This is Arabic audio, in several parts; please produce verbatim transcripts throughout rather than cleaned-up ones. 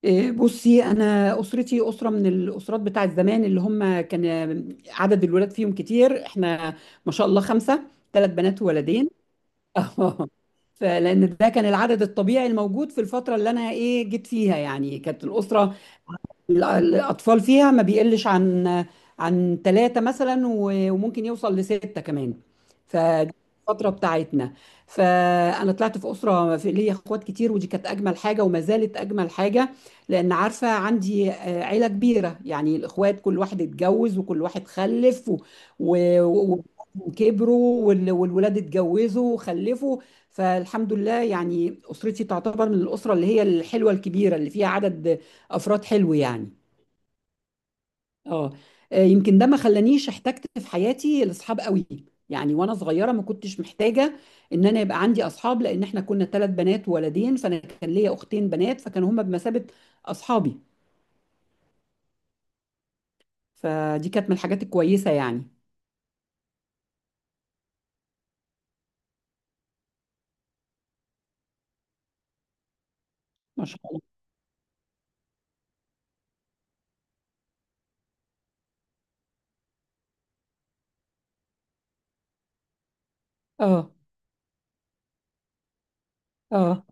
إيه، بصي انا اسرتي اسره من الاسرات بتاعت زمان اللي هم كان عدد الولاد فيهم كتير. احنا ما شاء الله خمسه، ثلاث بنات وولدين. اه، فلان ده كان العدد الطبيعي الموجود في الفتره اللي انا ايه جيت فيها، يعني كانت الاسره ال- الأطفال فيها ما بيقلش عن عن ثلاثة مثلا و- وممكن يوصل لستة كمان. فدي الفترة بتاعتنا. فأنا طلعت في أسرة في ليا أخوات كتير، ودي كانت أجمل حاجة وما زالت أجمل حاجة، لأن عارفة عندي آه، عيلة كبيرة. يعني الأخوات كل واحد اتجوز وكل واحد خلف و- و- و- وكبروا وال- والولاد اتجوزوا وخلفوا. فالحمد لله يعني أسرتي تعتبر من الأسرة اللي هي الحلوة الكبيرة اللي فيها عدد أفراد حلو يعني. اه، آه، يمكن ده ما خلانيش احتجت في حياتي لاصحاب قوي. يعني وانا صغيره ما كنتش محتاجه ان انا يبقى عندي اصحاب، لان احنا كنا ثلاث بنات وولدين، فانا كان ليا اختين بنات فكانوا هما بمثابه اصحابي. فدي كانت من الحاجات الكويسه يعني. ما شاء الله. اه. اه.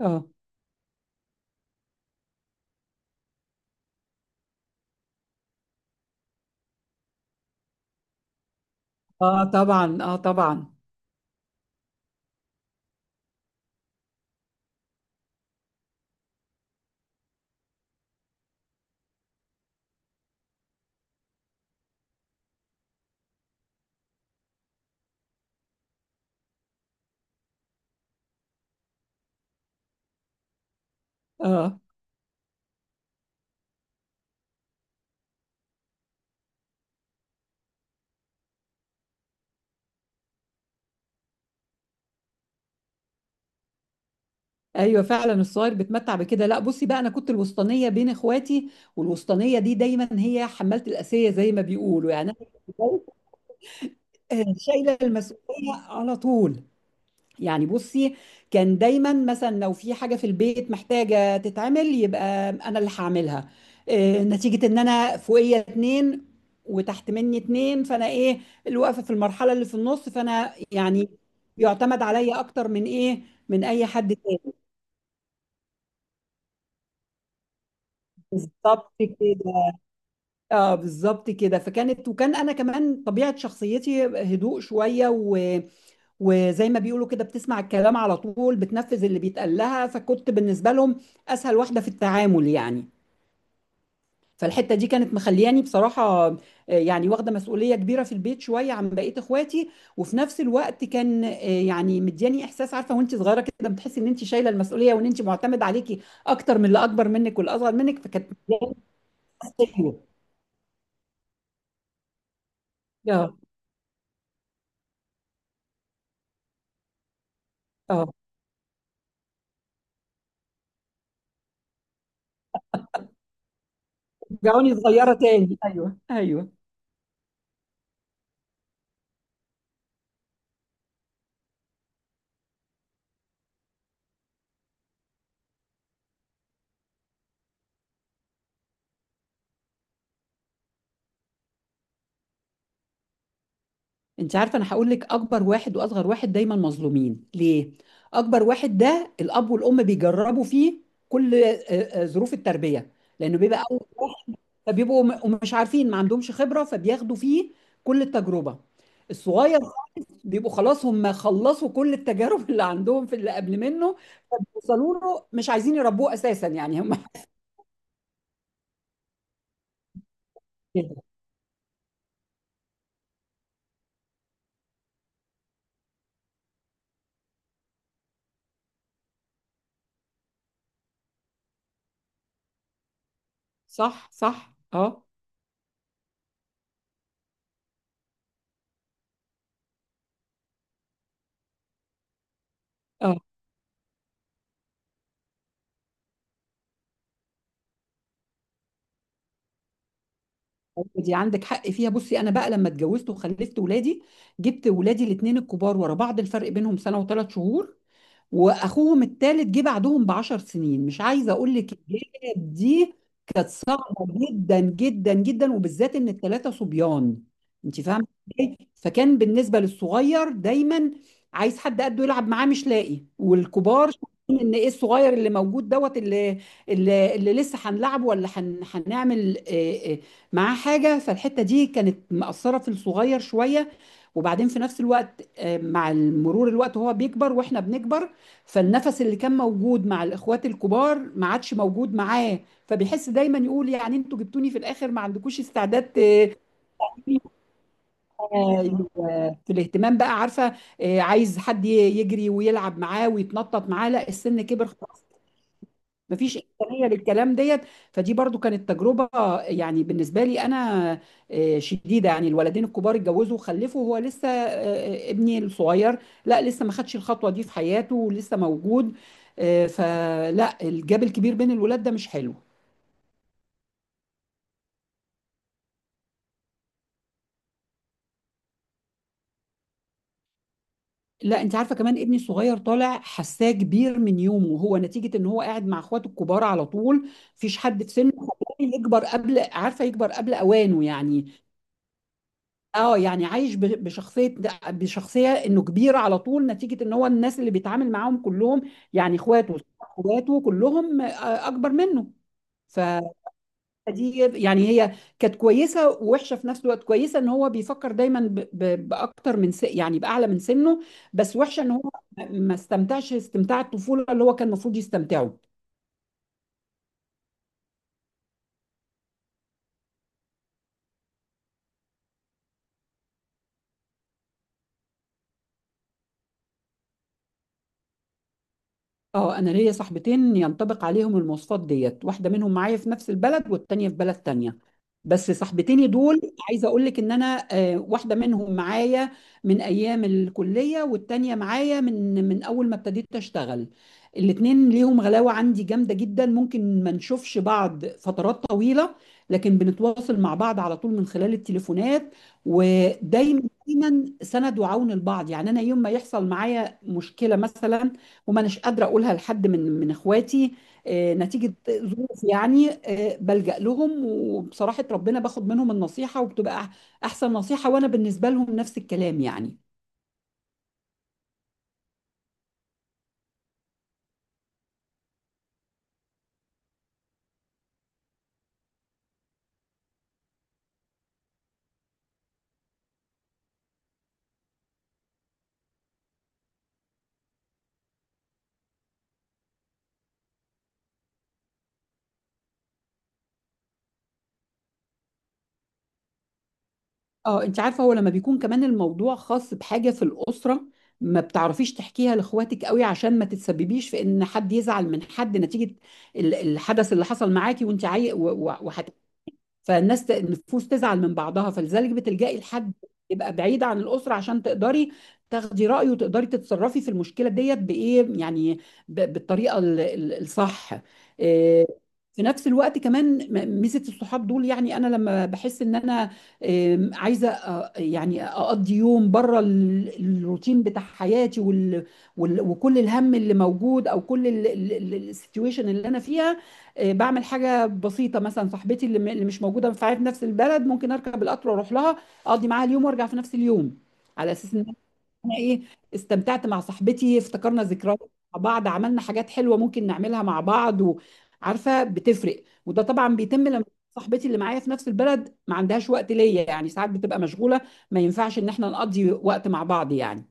اه. اه طبعا، اه طبعا. اه. ايوه فعلا الصغير بيتمتع بكده. لا بصي بقى، انا كنت الوسطانيه بين اخواتي، والوسطانيه دي دايما هي حماله الاسيه زي ما بيقولوا يعني. آه، شايله المسؤوليه على طول. يعني بصي، كان دايما مثلا لو في حاجه في البيت محتاجه تتعمل، يبقى انا اللي هعملها. آه، نتيجه ان انا فوقيه اتنين وتحت مني اتنين، فانا ايه اللي واقفه في المرحله اللي في النص، فانا يعني يعتمد عليا اكتر من ايه من اي حد تاني. بالظبط كده. اه بالظبط كده. فكانت، وكان انا كمان طبيعه شخصيتي هدوء شويه، و وزي ما بيقولوا كده، بتسمع الكلام على طول، بتنفذ اللي بيتقال لها، فكنت بالنسبة لهم أسهل واحدة في التعامل يعني. فالحتة دي كانت مخلياني بصراحة آه، يعني واخدة مسؤولية كبيرة في البيت شوية عن بقية إخواتي، وفي نفس الوقت كان آه، يعني مدياني إحساس، عارفة وأنت صغيرة كده بتحسي إن أنت شايلة المسؤولية وإن أنت معتمد عليكي أكتر من اللي أكبر منك والأصغر منك، فكانت مدياني إحساس حلو. اه. اه. رجعوني صغيرة تاني، أيوه أيوه. انت عارفه، انا هقول لك اكبر واحد واصغر واحد دايما مظلومين ليه. اكبر واحد ده الاب والام بيجربوا فيه كل آه، آه، ظروف التربيه، لانه بيبقى أول، فبيبقوا م- مش عارفين، ما عندهمش خبره، فبياخدوا فيه كل التجربه. الصغير بيبقوا خلاص هم خلصوا كل التجارب اللي عندهم في اللي قبل منه، فبيوصلوا له مش عايزين يربوه اساسا يعني هم. صح صح اه. آه. أيوة دي عندك حق فيها. بصي انا بقى لما اتجوزت وخلفت ولادي، جبت ولادي الاثنين الكبار ورا بعض، الفرق بينهم سنه وثلاث شهور، واخوهم الثالث جه بعدهم ب عشر سنين. مش عايزه اقول لك الجيل دي كانت صعبه جدا جدا جدا، وبالذات ان الثلاثه صبيان. انت فاهمه ازاي. فكان بالنسبه للصغير دايما عايز حد قده يلعب معاه مش لاقي، والكبار شايفين ان ايه الصغير اللي موجود دوت، اللي اللي, اللي لسه هنلعبه ولا هن- هنعمل آه، آه، معاه حاجه. فالحته دي كانت مأثره في الصغير شويه. وبعدين في نفس الوقت آه، مع مرور الوقت وهو بيكبر واحنا بنكبر، فالنفس اللي كان موجود مع الاخوات الكبار ما عادش موجود معاه، فبيحس دايما يقول يعني انتوا جبتوني في الاخر ما عندكوش استعداد ت- في الاهتمام بقى، عارفه. آه، عايز حد ي- يجري ويلعب معاه ويتنطط معاه، لا السن كبر، مفيش إمكانية للكلام ديت. فدي برضو كانت تجربة يعني بالنسبة لي أنا آه، شديدة. يعني الولدين الكبار اتجوزوا وخلفوا، وهو لسه آه، ابني الصغير لا لسه ما خدش الخطوة دي في حياته ولسه موجود. آه، فلا الجاب الكبير بين الولاد ده مش حلو. لا انت عارفه كمان، ابني الصغير طالع حساه كبير من يومه، هو نتيجه ان هو قاعد مع اخواته الكبار على طول، مفيش حد في سنه خلاه يكبر قبل، عارفه، يكبر قبل اوانه يعني. اه يعني عايش ب- بشخصيه بشخصيه انه كبير على طول، نتيجه ان هو الناس اللي بيتعامل معاهم كلهم يعني اخواته، اخواته كلهم آه، اكبر منه. فدي يعني هي كانت كويسه ووحشه في نفس الوقت. كويسه ان هو بيفكر دايما ب- ب- باكتر من س... يعني باعلى من سنه. بس وحشه ان هو ما استمتعش استمتاع الطفوله اللي هو كان المفروض يستمتعه. اه انا ليا صاحبتين ينطبق عليهم المواصفات ديت، واحده منهم معايا في نفس البلد والتانيه في بلد تانيه. بس صاحبتيني دول، عايزه اقول لك ان انا آه، واحده منهم معايا من ايام الكليه، والتانيه معايا من من اول ما ابتديت اشتغل. الاتنين ليهم غلاوه عندي جامده جدا. ممكن ما نشوفش بعض فترات طويله، لكن بنتواصل مع بعض على طول من خلال التليفونات، ودايما دايما سند وعون البعض. يعني انا يوم ما يحصل معايا مشكله مثلا وما اناش قادره اقولها لحد من من اخواتي آه، نتيجه ظروف يعني، آه، بلجأ لهم، وبصراحه ربنا باخد منهم النصيحه وبتبقى أح- احسن نصيحه، وانا بالنسبه لهم نفس الكلام يعني. اه انت عارفه، هو لما بيكون كمان الموضوع خاص بحاجه في الاسره، ما بتعرفيش تحكيها لاخواتك قوي، عشان ما تتسببيش في ان حد يزعل من حد نتيجه ال- الحدث اللي حصل معاكي وانت عاي... فالناس ت- النفوس تزعل من بعضها، فلذلك بتلجئي لحد يبقى بعيد عن الأسرة عشان تقدري تاخدي رأيه وتقدري تتصرفي في المشكلة ديت بإيه يعني، ب- بالطريقة ال- ال- الصح. إيه، في نفس الوقت كمان م- ميزة الصحاب دول، يعني أنا لما بحس إن أنا إيه، عايزة أ- يعني أقضي يوم بره الروتين بتاع حياتي وال وال- وكل الهم اللي موجود أو كل السيتويشن اللي أنا فيها، آه، بعمل حاجه بسيطه. مثلا صاحبتي اللي م- اللي مش موجوده في في نفس البلد، ممكن اركب القطر واروح لها اقضي معاها اليوم وارجع في نفس اليوم، على اساس ان انا ايه استمتعت مع صاحبتي، افتكرنا ذكريات مع بعض، عملنا حاجات حلوه ممكن نعملها مع بعض. وعارفه بتفرق، وده طبعا بيتم لما صاحبتي اللي معايا في نفس البلد ما عندهاش وقت ليا يعني، ساعات بتبقى مشغوله ما ينفعش ان احنا نقضي وقت مع بعض يعني.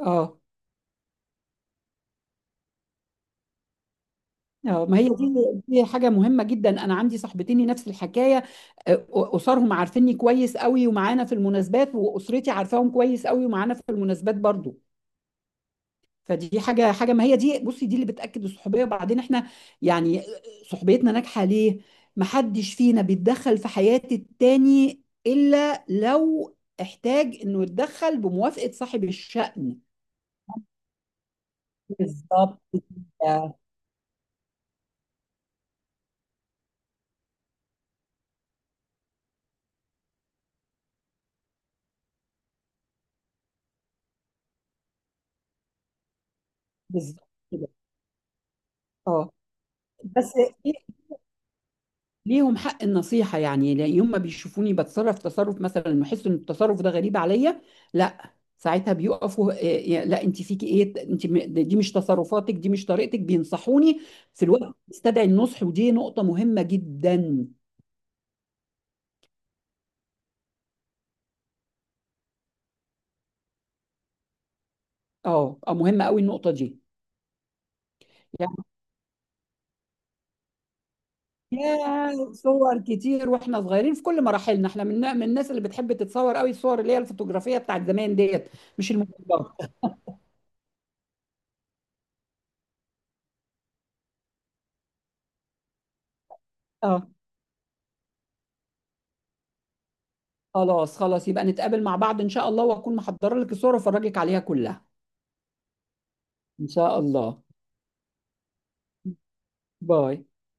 اه. اه ما هي دي، دي حاجة مهمة جدا. أنا عندي صاحبتين نفس الحكاية، آه، أسرهم عارفيني كويس قوي ومعانا في المناسبات، وأسرتي عارفاهم كويس قوي ومعانا في المناسبات برضو. فدي حاجة حاجة ما هي دي. بصي دي اللي بتأكد الصحوبية. وبعدين احنا يعني صحبيتنا ناجحة ليه؟ محدش فينا بيتدخل في حياة التاني إلا لو احتاج إنه يتدخل بموافقة صاحب الشأن. بالظبط كده. بالظبط كده. اه. بس ليهم حق النصيحة يعني، لا- يوم ما بيشوفوني بتصرف تصرف مثلا ويحسوا ان التصرف ده غريب عليا، لا ساعتها بيقفوا إيه، إيه، لا انت فيكي ايه، انت م- دي مش تصرفاتك، دي مش طريقتك، بينصحوني في الوقت يستدعي النصح. ودي نقطة مهمة جدا. اه آه، مهمة قوي النقطة دي. يعني يا صور كتير واحنا صغيرين في كل مراحلنا. احنا من من الناس اللي بتحب تتصور قوي، الصور اللي هي الفوتوغرافية بتاعت زمان ديت، مش الموبايلات. اه، خلاص خلاص يبقى نتقابل مع بعض إن شاء الله، وأكون محضرة لك الصور وأفرجك عليها كلها. إن شاء الله. باي.